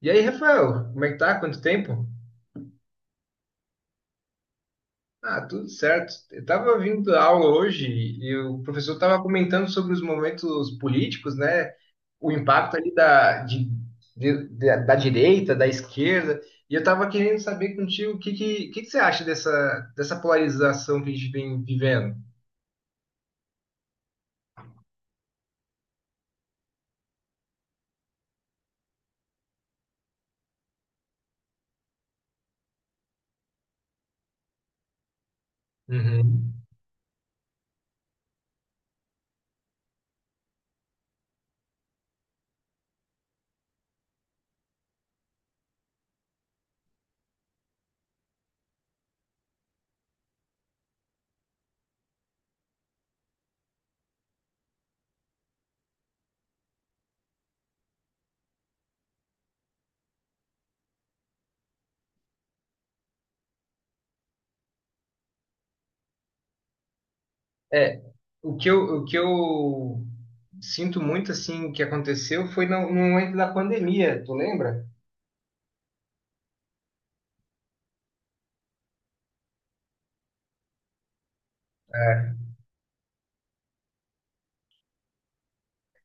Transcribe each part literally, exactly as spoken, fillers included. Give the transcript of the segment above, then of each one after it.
E aí, Rafael, como é que tá? Quanto tempo? Ah, tudo certo. Eu tava vindo da aula hoje e o professor tava comentando sobre os momentos políticos, né? O impacto ali da, de- de- da, da direita, da esquerda. E eu tava querendo saber contigo o que, que, o que que você acha dessa, dessa polarização que a gente vem vivendo. Uhum. É, o que eu, o que eu sinto muito, assim, que aconteceu foi no, no momento da pandemia, tu lembra?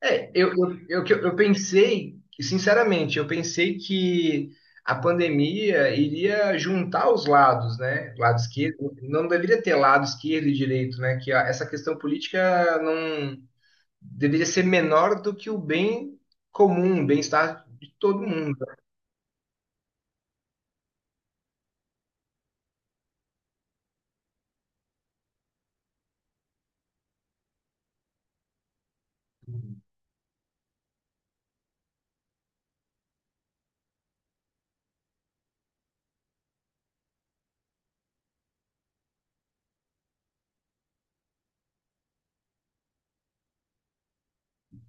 É, eu, eu, eu, eu pensei, sinceramente, eu pensei que a pandemia iria juntar os lados, né? Lado esquerdo, não deveria ter lado esquerdo e direito, né? Que a- essa questão política não deveria ser menor do que o bem comum, o bem-estar de todo mundo.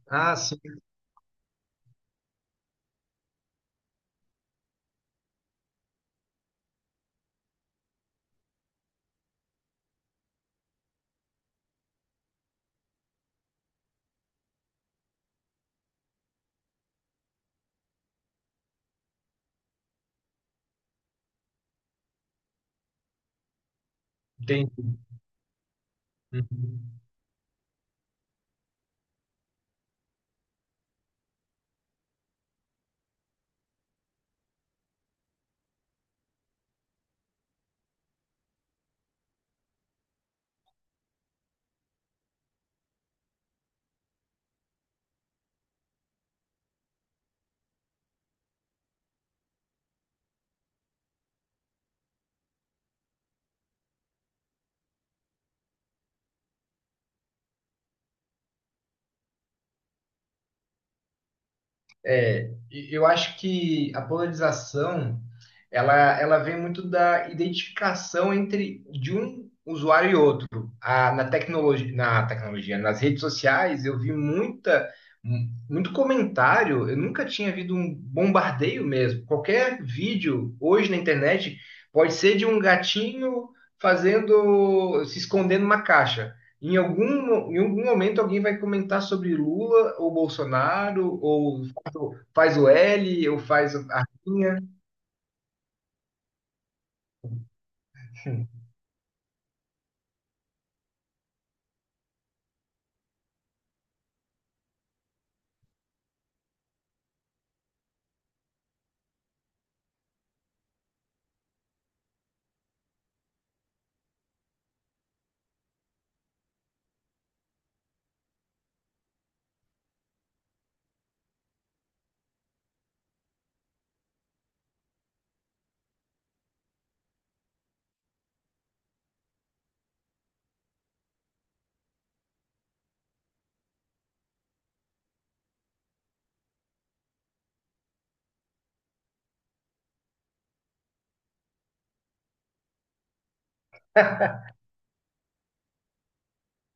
Ah, sim, entendi. Uhum. É, e eu acho que a polarização ela, ela vem muito da identificação entre de um usuário e outro. A, na tecnologia, na tecnologia, nas redes sociais, eu vi muita, mu- muito comentário. Eu nunca tinha visto um bombardeio mesmo. Qualquer vídeo hoje na internet pode ser de um gatinho fazendo, se escondendo numa caixa. Em algum, mo- em algum momento alguém vai comentar sobre Lula ou Bolsonaro ou tu faz o L eu faz a linha.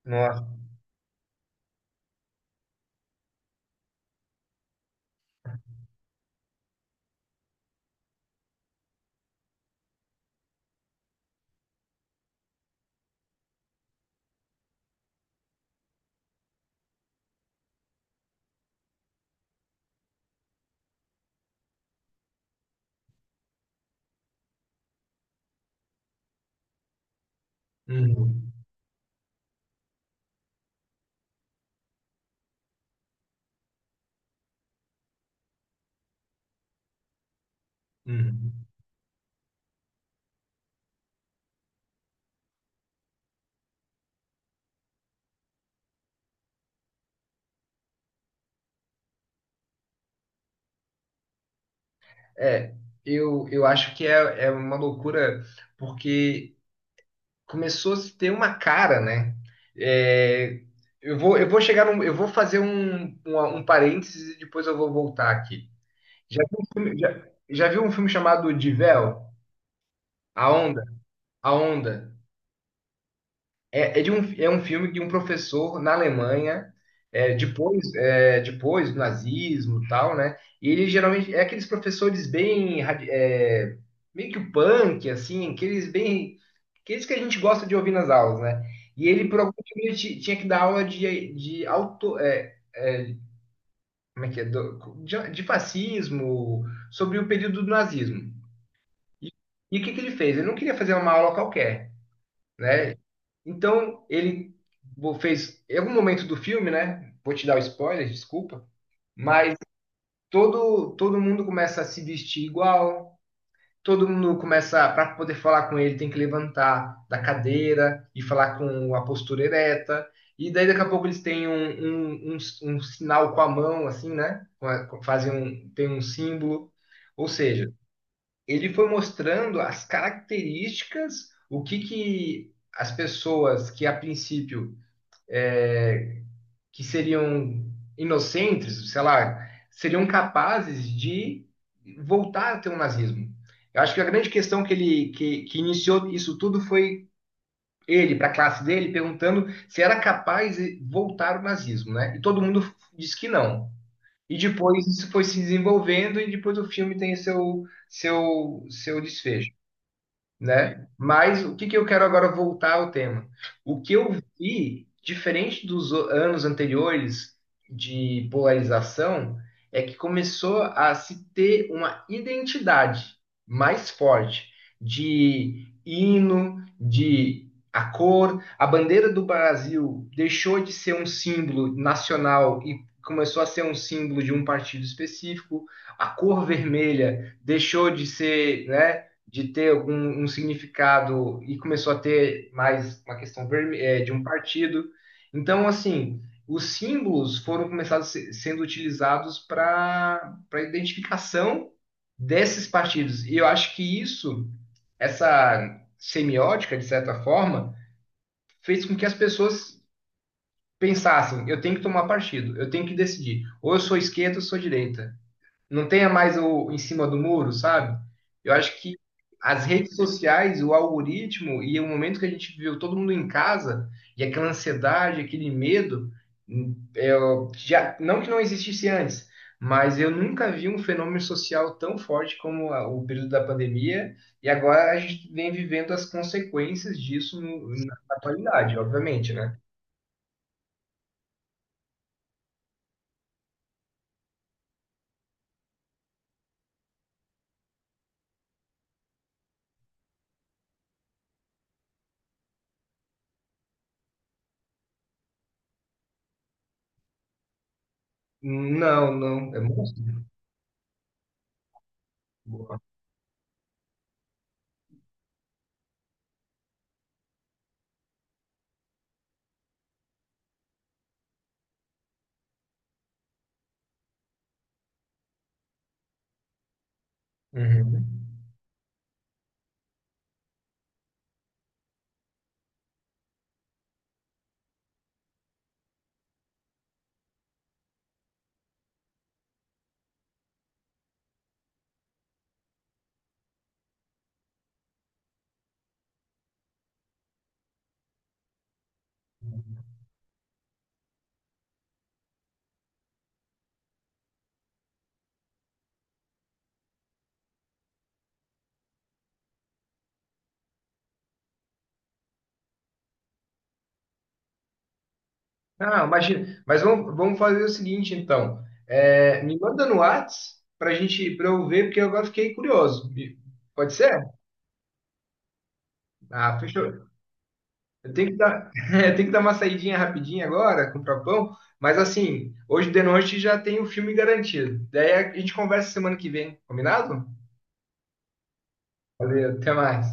Nossa. Uhum. Uhum. É, eu, eu acho que é, é uma loucura, porque começou a se ter uma cara, né? É, eu vou, eu vou chegar num, eu vou fazer um, um, um parênteses e depois eu vou voltar aqui. Já viu um filme, já, já viu um filme chamado De Véu? A Onda? A Onda. É, é de um, é um filme de um professor na Alemanha, é, depois, é, depois do nazismo e tal, né? E ele geralmente é aqueles professores bem, radi- é, meio que o punk, assim, aqueles bem, aqueles que a gente gosta de ouvir nas aulas, né? E ele, por algum motivo, ele ti- tinha que dar aula de, de auto, é, como é que é? Do- de, de fascismo, sobre o período do nazismo. E, e o que que ele fez? Ele não queria fazer uma aula qualquer, né? Então, ele bo- fez, em algum momento do filme, né? Vou te dar o spoiler, desculpa. Hum. Mas todo todo mundo começa a se vestir igual, todo mundo começa, para poder falar com ele, tem que levantar da cadeira e falar com a postura ereta. E daí daqui a pouco eles têm um, um, um, um sinal com a mão, assim, né? com a- com- Fazem um, tem um símbolo. Ou seja, ele foi mostrando as características, o que que as pessoas que a princípio que seriam inocentes, sei lá, seriam capazes de voltar a ter o nazismo. Eu acho que a grande questão que ele que, que iniciou isso tudo foi ele para a classe dele perguntando se era capaz de voltar o nazismo, né? E todo mundo disse que não. E depois isso foi se desenvolvendo e depois o filme tem seu seu seu desfecho, né? Mas o que que eu quero agora voltar ao tema? O que eu vi, diferente dos o- anos anteriores de polarização, é que começou a se ter uma identidade mais forte de hino, de a cor, a bandeira do Brasil deixou de ser um símbolo nacional e começou a ser um símbolo de um partido específico. A cor vermelha deixou de ser, né? De ter algum um significado e começou a ter mais uma questão verme- eh, de um partido. Então, assim, os símbolos foram começados se- sendo utilizados para para identificação desses partidos. E eu acho que isso, essa semiótica, de certa forma, fez com que as pessoas pensassem: eu tenho que tomar partido, eu tenho que decidir, ou eu sou esquerda ou eu sou direita, não tenha mais o em cima do muro, sabe? Eu acho que as redes sociais, o algoritmo e o momento que a gente viveu, todo mundo em casa e aquela ansiedade, aquele medo, hum, é, já, não que não existisse antes, mas eu nunca vi um fenômeno social tão forte como a- o período da pandemia e agora a gente vem vivendo as consequências disso no- na atualidade, obviamente, né? Não, não, é monstro. Boa. Uhum. Ah, imagina. Mas vamos, vamos fazer o seguinte, então. É, me manda no Whats pra gente, pra eu ver, porque eu agora fiquei curioso. E- pode ser? Ah, fechou. Eu tenho que dar, eu tenho que dar uma saidinha rapidinha agora, comprar pão. Mas assim, hoje de noite já tem o filme garantido. Daí a gente conversa semana que vem, combinado? Valeu, até mais.